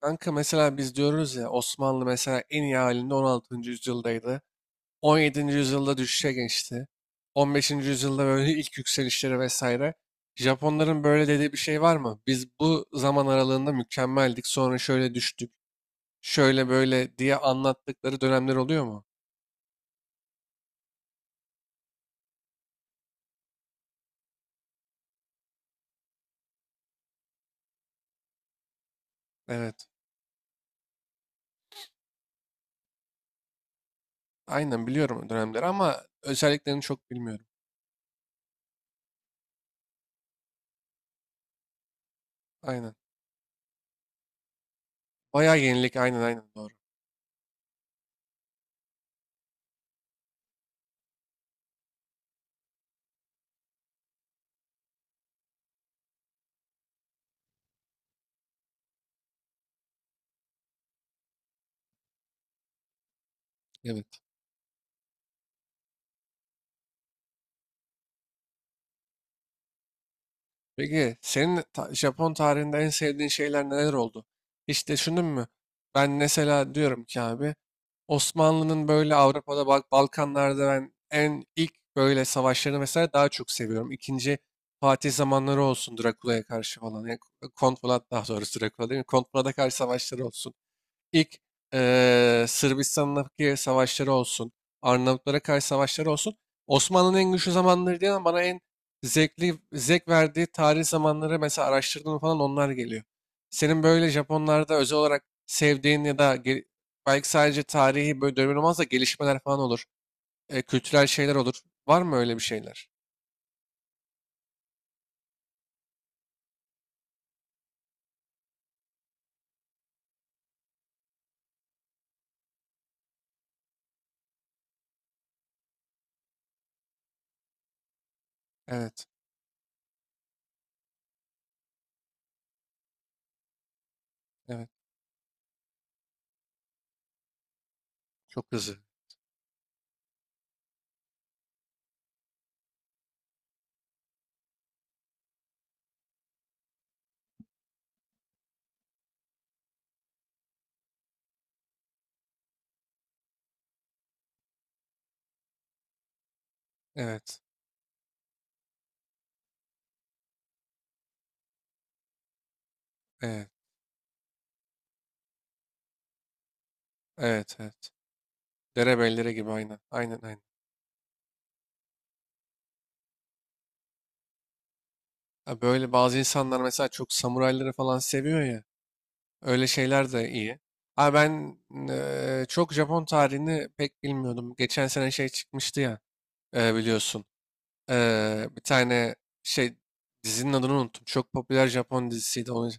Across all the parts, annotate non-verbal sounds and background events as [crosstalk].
Kanka mesela biz diyoruz ya Osmanlı mesela en iyi halinde 16. yüzyıldaydı. 17. yüzyılda düşüşe geçti. 15. yüzyılda böyle [laughs] ilk yükselişleri vesaire. Japonların böyle dediği bir şey var mı? Biz bu zaman aralığında mükemmeldik, sonra şöyle düştük, şöyle böyle diye anlattıkları dönemler oluyor mu? Evet. Aynen biliyorum o dönemleri ama özelliklerini çok bilmiyorum. Aynen. Bayağı yenilik, aynen, aynen doğru. Evet. Peki senin Japon tarihinde en sevdiğin şeyler neler oldu? Hiç düşündün mü? Ben mesela diyorum ki abi Osmanlı'nın böyle Avrupa'da Balkanlarda ben en ilk böyle savaşlarını mesela daha çok seviyorum. İkinci Fatih zamanları olsun, Drakula'ya karşı falan. Yani Kont Polat, daha doğrusu Drakula değil mi? Kont Polat'a karşı savaşları olsun. İlk Sırbistan'daki savaşları olsun, Arnavutlara karşı savaşları olsun. Osmanlı'nın en güçlü zamanları değil ama bana en zevkli, zevk verdiği tarih zamanları mesela araştırdığım falan onlar geliyor. Senin böyle Japonlarda özel olarak sevdiğin ya da belki sadece tarihi böyle dönemin olmaz da gelişmeler falan olur, kültürel şeyler olur. Var mı öyle bir şeyler? Evet, evet. Çok hızlı. Evet, evet, evet, evet. Derebellere gibi, aynen, aynen, aynen. Ha, böyle bazı insanlar mesela çok samurayları falan seviyor ya. Öyle şeyler de iyi. Abi ben çok Japon tarihini pek bilmiyordum. Geçen sene şey çıkmıştı ya, biliyorsun. Bir tane şey, dizinin adını unuttum. Çok popüler Japon dizisiydi. Onu,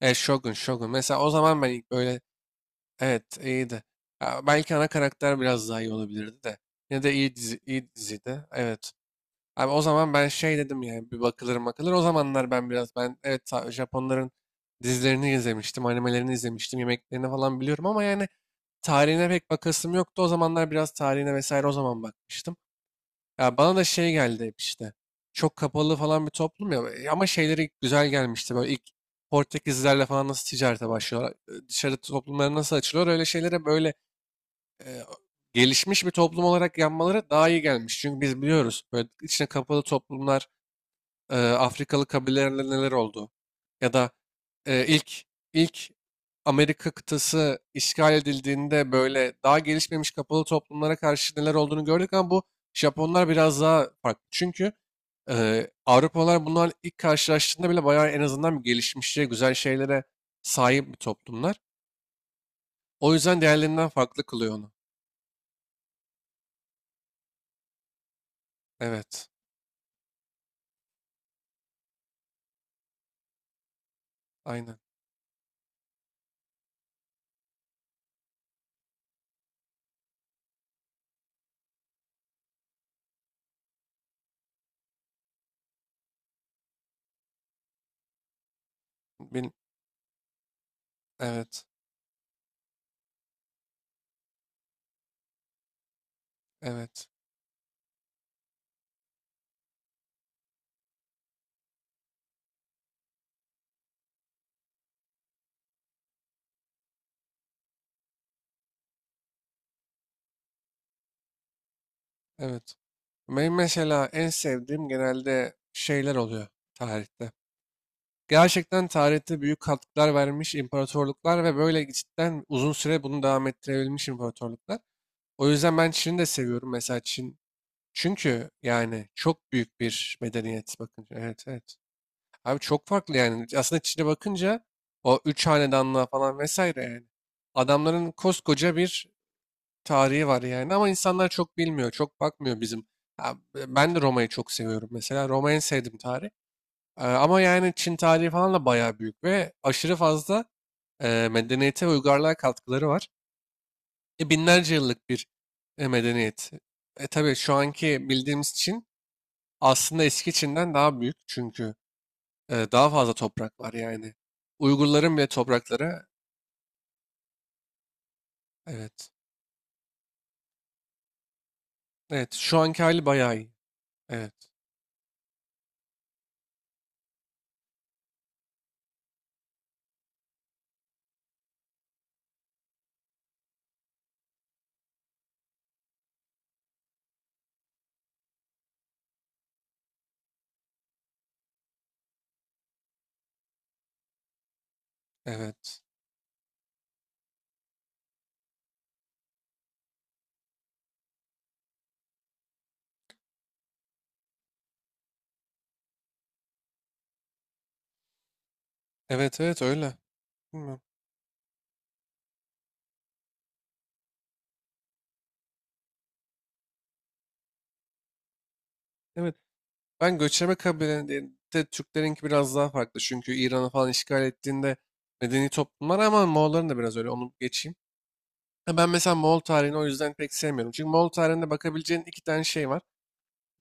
Shogun, Shogun. Mesela o zaman ben ilk böyle, evet iyiydi. Ya belki ana karakter biraz daha iyi olabilirdi de. Yine de iyi dizi, iyi diziydi. Evet. Abi o zaman ben şey dedim yani bir bakılır bakılır. O zamanlar ben biraz ben, evet, Japonların dizilerini izlemiştim, animelerini izlemiştim, yemeklerini falan biliyorum ama yani tarihine pek bakasım yoktu. O zamanlar biraz tarihine vesaire o zaman bakmıştım. Ya bana da şey geldi hep işte. Çok kapalı falan bir toplum ya, ama şeyleri güzel gelmişti. Böyle ilk Portekizlerle falan nasıl ticarete başlıyorlar, dışarı toplumları nasıl açılıyor, öyle şeylere böyle e, gelişmiş bir toplum olarak yanmaları daha iyi gelmiş. Çünkü biz biliyoruz böyle içine kapalı toplumlar, Afrikalı kabilelerle neler oldu? Ya da e, ilk ilk Amerika kıtası işgal edildiğinde böyle daha gelişmemiş kapalı toplumlara karşı neler olduğunu gördük ama bu Japonlar biraz daha farklı. Çünkü Avrupalılar bunlar ilk karşılaştığında bile bayağı en azından bir gelişmişçe güzel şeylere sahip bir toplumlar. O yüzden diğerlerinden farklı kılıyor onu. Evet, aynen. Bil- evet, evet. Evet. Benim mesela en sevdiğim genelde şeyler oluyor tarihte. Gerçekten tarihte büyük katkılar vermiş imparatorluklar ve böyle cidden uzun süre bunu devam ettirebilmiş imparatorluklar. O yüzden ben Çin'i de seviyorum mesela, Çin. Çünkü yani çok büyük bir medeniyet bakınca. Evet, evet. Abi çok farklı yani. Aslında Çin'e bakınca o üç hanedanlığa falan vesaire yani. Adamların koskoca bir tarihi var yani ama insanlar çok bilmiyor, çok bakmıyor bizim. Ha, ben de Roma'yı çok seviyorum mesela. Roma'yı en sevdiğim tarih. Ama yani Çin tarihi falan da bayağı büyük ve aşırı fazla medeniyete ve uygarlığa katkıları var. Binlerce yıllık bir medeniyet. Tabii şu anki bildiğimiz Çin aslında eski Çin'den daha büyük çünkü daha fazla toprak var yani. Uygurların bile toprakları, evet. Evet şu anki hali bayağı iyi. Evet. Evet. Evet, evet öyle. Bilmiyorum. Evet. Ben göçebe kabilelerinde Türklerinki biraz daha farklı. Çünkü İran'ı falan işgal ettiğinde medeni toplumlar ama Moğolların da biraz öyle. Onu geçeyim. Ha, ben mesela Moğol tarihini o yüzden pek sevmiyorum. Çünkü Moğol tarihinde bakabileceğin iki tane şey var.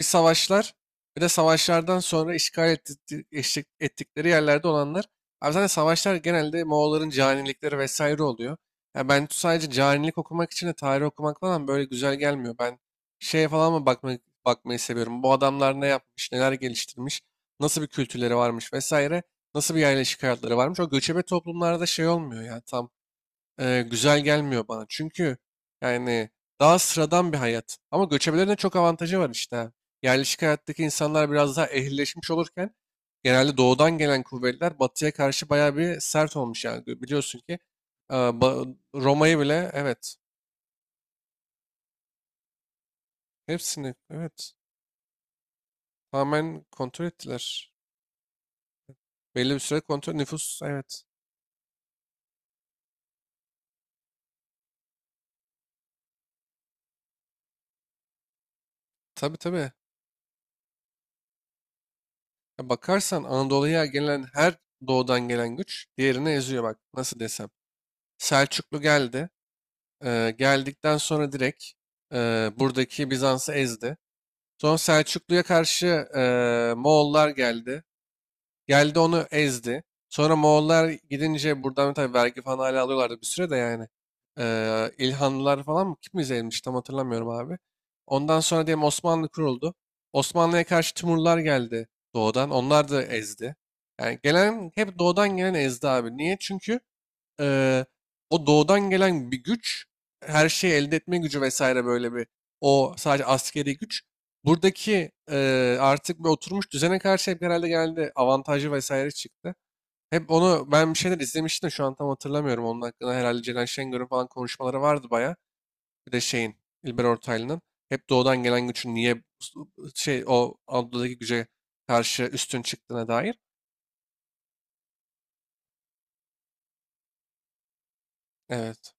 Bir savaşlar, bir de savaşlardan sonra eşlik ettikleri yerlerde olanlar. Abi zaten savaşlar genelde Moğolların canilikleri vesaire oluyor. Ya ben sadece canilik okumak için de tarih okumak falan böyle güzel gelmiyor. Ben şeye falan mı bakma, bakmayı seviyorum. Bu adamlar ne yapmış, neler geliştirmiş, nasıl bir kültürleri varmış vesaire, nasıl bir yerleşik hayatları varmış. O göçebe toplumlarda şey olmuyor ya tam, güzel gelmiyor bana. Çünkü yani daha sıradan bir hayat. Ama göçebelerin de çok avantajı var işte. Ha. Yerleşik hayattaki insanlar biraz daha ehlileşmiş olurken genelde doğudan gelen kuvvetler batıya karşı bayağı bir sert olmuş yani. Biliyorsun ki Roma'yı bile, evet, hepsini evet, tamamen kontrol ettiler. Belli bir süre kontrol nüfus, evet. Tabii, tabii. Ya bakarsan Anadolu'ya gelen her doğudan gelen güç diğerini eziyor, bak nasıl desem. Selçuklu geldi. Geldikten sonra direkt buradaki Bizans'ı ezdi. Sonra Selçuklu'ya karşı e, Moğollar geldi. Geldi, onu ezdi. Sonra Moğollar gidince buradan tabii vergi falan hala alıyorlardı bir süre de yani. İlhanlılar falan mı? Kim izlemiş tam hatırlamıyorum abi. Ondan sonra diyelim Osmanlı kuruldu. Osmanlı'ya karşı Timurlar geldi doğudan. Onlar da ezdi. Yani gelen hep doğudan gelen ezdi abi. Niye? Çünkü eee, o doğudan gelen bir güç, her şeyi elde etme gücü vesaire, böyle bir o sadece askeri güç. Buradaki artık bir oturmuş düzene karşı hep herhalde geldi avantajı vesaire çıktı. Hep onu ben bir şeyler izlemiştim de şu an tam hatırlamıyorum. Onun hakkında herhalde Ceren Şengör'ün falan konuşmaları vardı baya. Bir de şeyin İlber Ortaylı'nın, hep doğudan gelen gücün niye şey o Anadolu'daki güce karşı üstün çıktığına dair. Evet.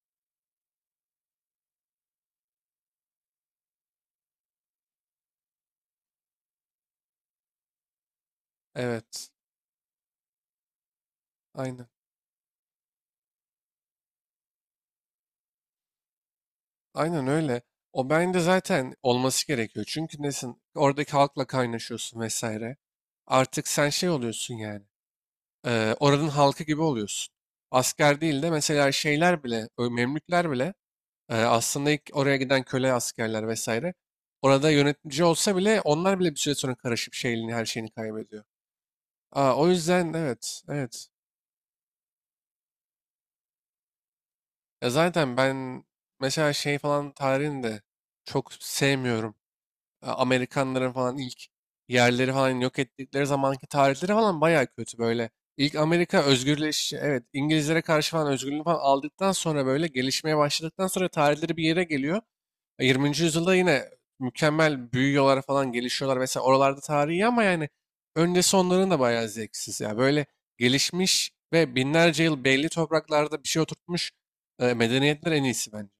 Evet. Aynen. Aynen öyle. O bence zaten olması gerekiyor. Çünkü nesin? Oradaki halkla kaynaşıyorsun vesaire. Artık sen şey oluyorsun yani. Oranın halkı gibi oluyorsun. Asker değil de mesela şeyler bile, ö- Memlükler bile aslında ilk oraya giden köle askerler vesaire. Orada yönetici olsa bile onlar bile bir süre sonra karışıp şeyini, her şeyini kaybediyor. Aa, o yüzden evet, evet. Ya zaten ben mesela şey falan tarihini de çok sevmiyorum. Amerikanların falan ilk yerleri falan yok ettikleri zamanki tarihleri falan bayağı kötü böyle. İlk Amerika özgürleş, evet İngilizlere karşı falan özgürlüğünü falan aldıktan sonra böyle gelişmeye başladıktan sonra tarihleri bir yere geliyor. 20. yüzyılda yine mükemmel büyüyorlar falan, gelişiyorlar. Mesela oralarda tarihi, ama yani öncesi onların da bayağı zevksiz. Ya böyle gelişmiş ve binlerce yıl belli topraklarda bir şey oturtmuş medeniyetler en iyisi bence.